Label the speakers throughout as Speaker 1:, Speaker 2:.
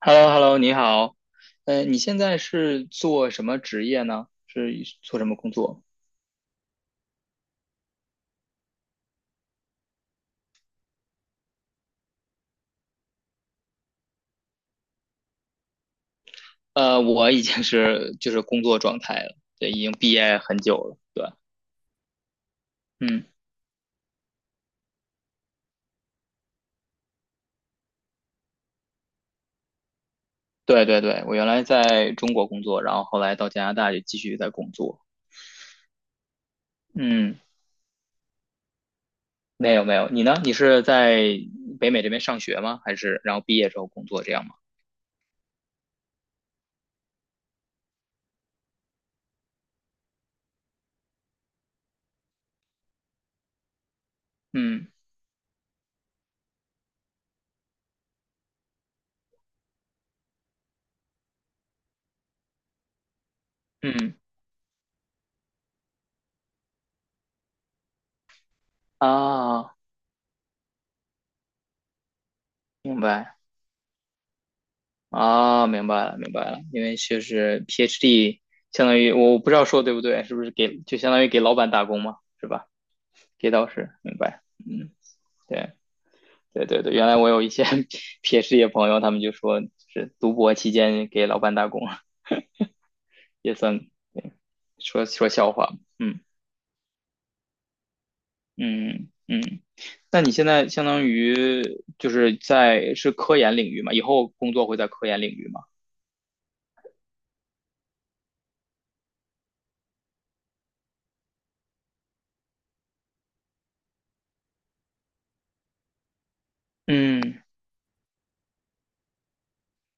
Speaker 1: h e l l o h e l l o 你好，你现在是做什么职业呢？是做什么工作？我已经是就是工作状态了，对，已经毕业很久了，对，嗯，对对对，我原来在中国工作，然后后来到加拿大就继续在工作，嗯，没有没有，你呢？你是在北美这边上学吗？还是然后毕业之后工作这样吗？嗯嗯啊，明白。啊，明白了，明白了，因为就是 PhD，相当于我不知道说对不对，是不是给就相当于给老板打工嘛，是吧？给导师，明白，嗯，对，对对对，原来我有一些 PhD 的朋友，他们就说是读博期间给老板打工，也算，对，说说笑话，嗯嗯嗯，那你现在相当于就是是科研领域嘛，以后工作会在科研领域吗？嗯，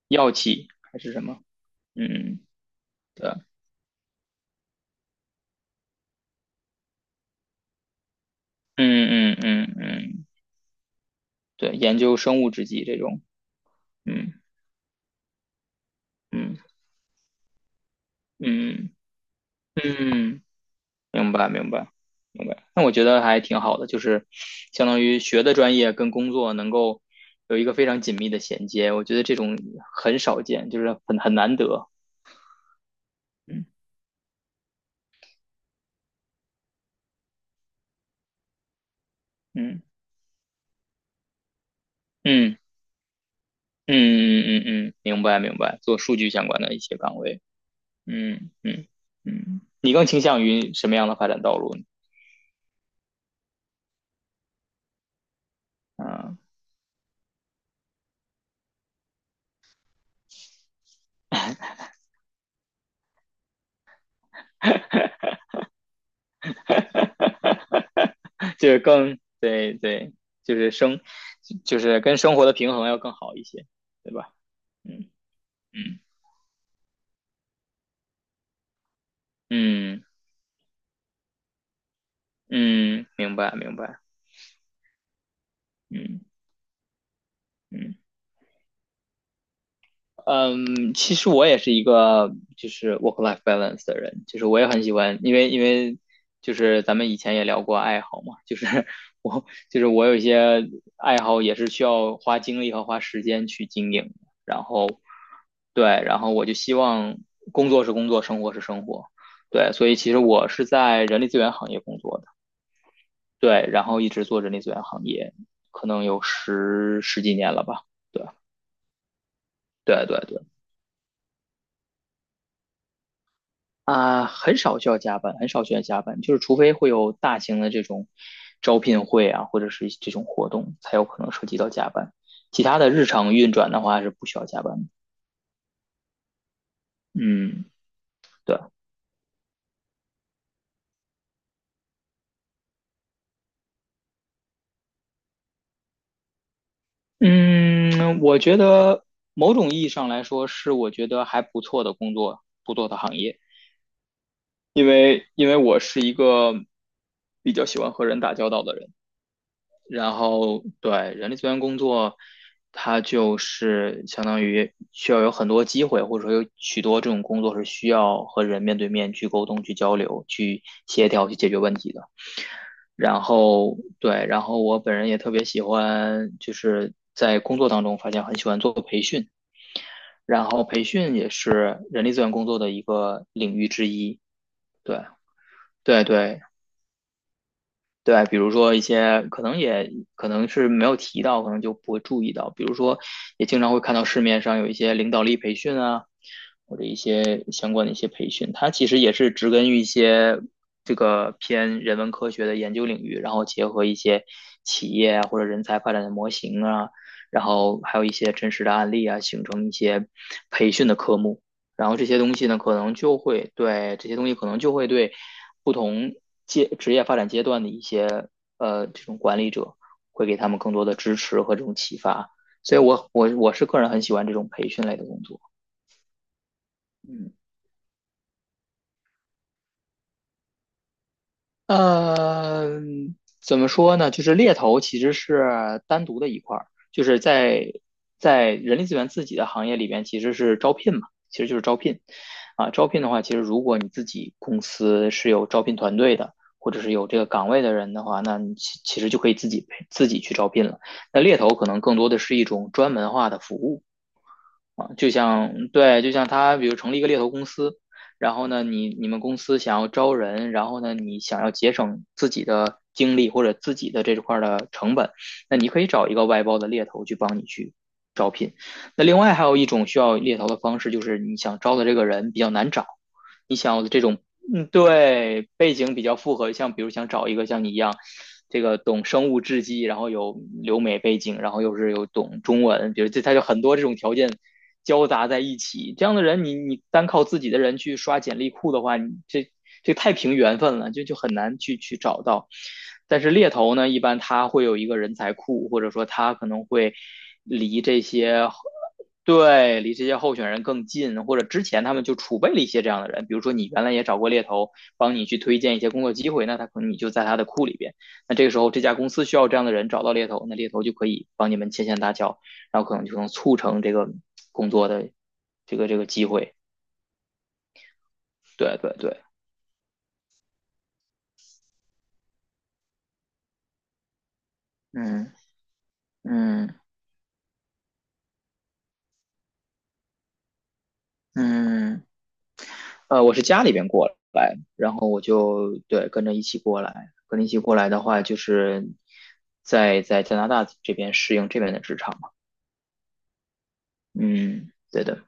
Speaker 1: 药企还是什么？嗯。对。嗯嗯嗯嗯，对，研究生物制剂这种，嗯嗯嗯嗯，明白明白明白。那我觉得还挺好的，就是相当于学的专业跟工作能够有一个非常紧密的衔接，我觉得这种很少见，就是很难得。嗯嗯嗯嗯嗯嗯嗯，明白明白，做数据相关的一些岗位。嗯嗯嗯，你更倾向于什么样的发展道路呢？啊，就是更对对，就是跟生活的平衡要更好一些，对吧？嗯嗯嗯嗯，明白明白，嗯嗯。嗯，其实我也是一个就是 work life balance 的人，就是我也很喜欢，因为就是咱们以前也聊过爱好嘛，就是 我就是我有一些爱好也是需要花精力和花时间去经营的。然后对，然后我就希望工作是工作，生活是生活，对，所以其实我是在人力资源行业工作的，对，然后一直做人力资源行业，可能有十几年了吧，对对对对。啊，很少需要加班，很少需要加班，就是除非会有大型的这种招聘会啊，或者是这种活动，才有可能涉及到加班。其他的日常运转的话是不需要加班的。嗯，对，嗯，我觉得某种意义上来说是我觉得还不错的工作，不错的行业，因为我是一个比较喜欢和人打交道的人。然后对人力资源工作，它就是相当于需要有很多机会，或者说有许多这种工作是需要和人面对面去沟通、去交流、去协调、去解决问题的。然后对，然后我本人也特别喜欢，就是在工作当中发现很喜欢做培训，然后培训也是人力资源工作的一个领域之一。对对对，对，比如说一些可能也可能是没有提到，可能就不会注意到。比如说，也经常会看到市面上有一些领导力培训啊，或者一些相关的一些培训，它其实也是植根于一些这个偏人文科学的研究领域，然后结合一些企业啊或者人才发展的模型啊，然后还有一些真实的案例啊，形成一些培训的科目。然后这些东西呢，可能就会对这些东西可能就会对不同职业发展阶段的一些这种管理者会给他们更多的支持和这种启发。所以我是个人很喜欢这种培训类的工作，嗯。呃，怎么说呢？就是猎头其实是单独的一块儿，就是在人力资源自己的行业里边，其实是招聘嘛，其实就是招聘啊。招聘的话，其实如果你自己公司是有招聘团队的，或者是有这个岗位的人的话，那你其实就可以自己去招聘了。那猎头可能更多的是一种专门化的服务。啊，就像对，就像他，比如成立一个猎头公司，然后呢，你们公司想要招人，然后呢，你想要节省自己的精力或者自己的这块儿的成本，那你可以找一个外包的猎头去帮你去招聘。那另外还有一种需要猎头的方式，就是你想招的这个人比较难找，你想要的这种嗯，对，背景比较复合，像比如想找一个像你一样，这个懂生物制剂，然后有留美背景，然后又是有懂中文，比如这他就很多这种条件交杂在一起，这样的人你单靠自己的人去刷简历库的话，你这太凭缘分了，就很难去找到。但是猎头呢，一般他会有一个人才库，或者说他可能会离这些对，离这些候选人更近，或者之前他们就储备了一些这样的人，比如说你原来也找过猎头，帮你去推荐一些工作机会，那他可能你就在他的库里边。那这个时候这家公司需要这样的人，找到猎头，那猎头就可以帮你们牵线搭桥，然后可能就能促成这个工作的这个机会。对对对，嗯嗯嗯，我是家里边过来，然后我就，对，跟着一起过来，跟着一起过来的话，就是在加拿大这边适应这边的职场。嗯，对的，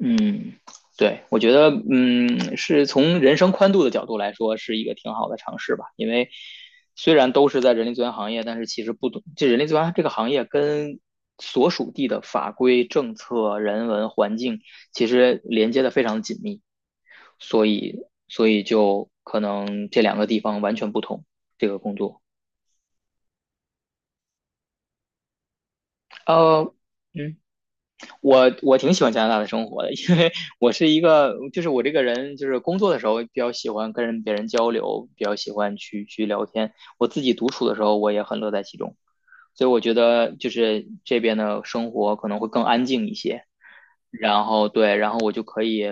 Speaker 1: 嗯，对，我觉得，嗯，是从人生宽度的角度来说，是一个挺好的尝试吧。因为虽然都是在人力资源行业，但是其实不懂，这人力资源这个行业跟所属地的法规、政策、人文环境其实连接的非常紧密，所以，所以就可能这两个地方完全不同，这个工作。呃，嗯。我挺喜欢加拿大的生活的，因为我是一个，就是我这个人，就是工作的时候比较喜欢跟别人交流，比较喜欢去聊天。我自己独处的时候，我也很乐在其中，所以我觉得就是这边的生活可能会更安静一些。然后对，然后我就可以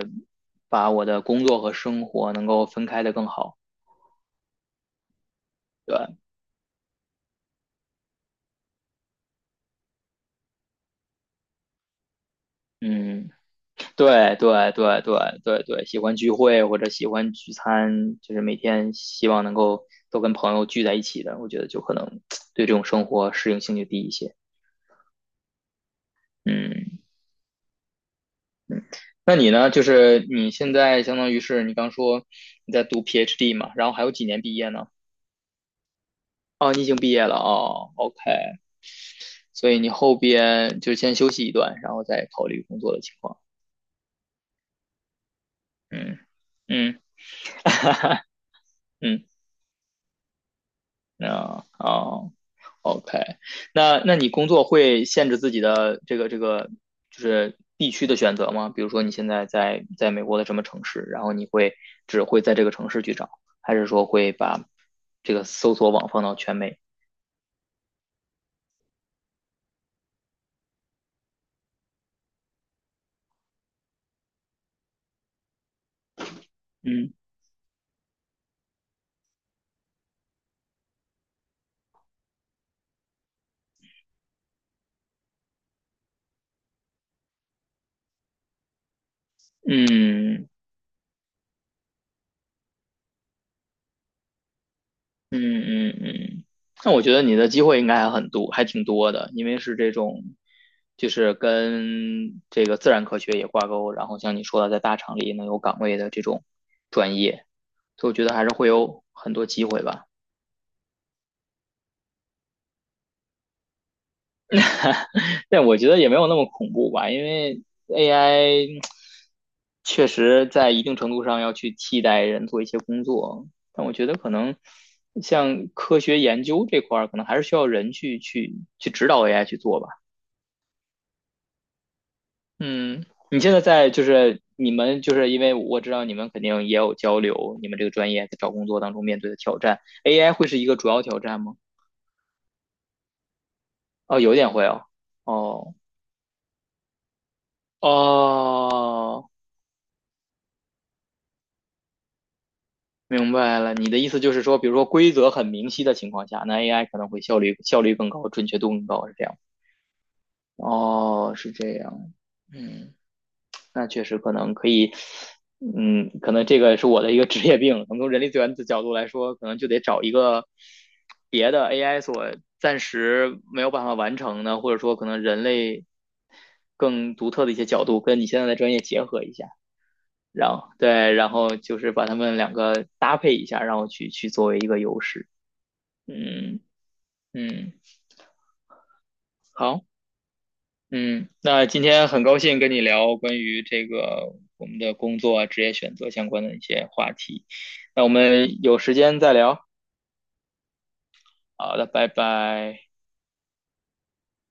Speaker 1: 把我的工作和生活能够分开的更好。对，嗯。对对对对对对，喜欢聚会或者喜欢聚餐，就是每天希望能够都跟朋友聚在一起的，我觉得就可能 对这种生活适应性就低一些。嗯，那你呢？就是你现在相当于是你刚说你在读 PhD 嘛，然后还有几年毕业呢？哦，你已经毕业了哦，OK，所以你后边就是先休息一段，然后再考虑工作的情况。嗯嗯嗯，那哦。OK，那你工作会限制自己的这个就是地区的选择吗？比如说你现在在美国的什么城市，然后你会只会在这个城市去找，还是说会把这个搜索网放到全美？嗯嗯，嗯嗯嗯，那我觉得你的机会应该还很多，还挺多的，因为是这种，就是跟这个自然科学也挂钩，然后像你说的，在大厂里能有岗位的这种专业，所以我觉得还是会有很多机会吧。但我觉得也没有那么恐怖吧，因为 AI 确实在一定程度上要去替代人做一些工作，但我觉得可能像科学研究这块儿，可能还是需要人去指导 AI 去做吧。嗯，你现在在就是你们就是因为我知道你们肯定也有交流，你们这个专业在找工作当中面对的挑战，AI 会是一个主要挑战吗？哦，有点会哦，哦哦，明白了，你的意思就是说，比如说规则很明晰的情况下，那 AI 可能会效率更高，准确度更高，是这样？哦，是这样，嗯。那确实可能可以，嗯，可能这个是我的一个 职业病。可能从人力资源的角度来说，可能就得找一个别的 AI 所暂时没有办法完成的，或者说可能人类更独特的一些角度，跟你现在的专业结合一下，然后对，然后就是把它们两个搭配一下，然后去作为一个优势。嗯嗯，好。嗯，那今天很高兴跟你聊关于这个我们的工作啊、职业选择相关的一些话题。那我们有时间再聊。好的，拜拜。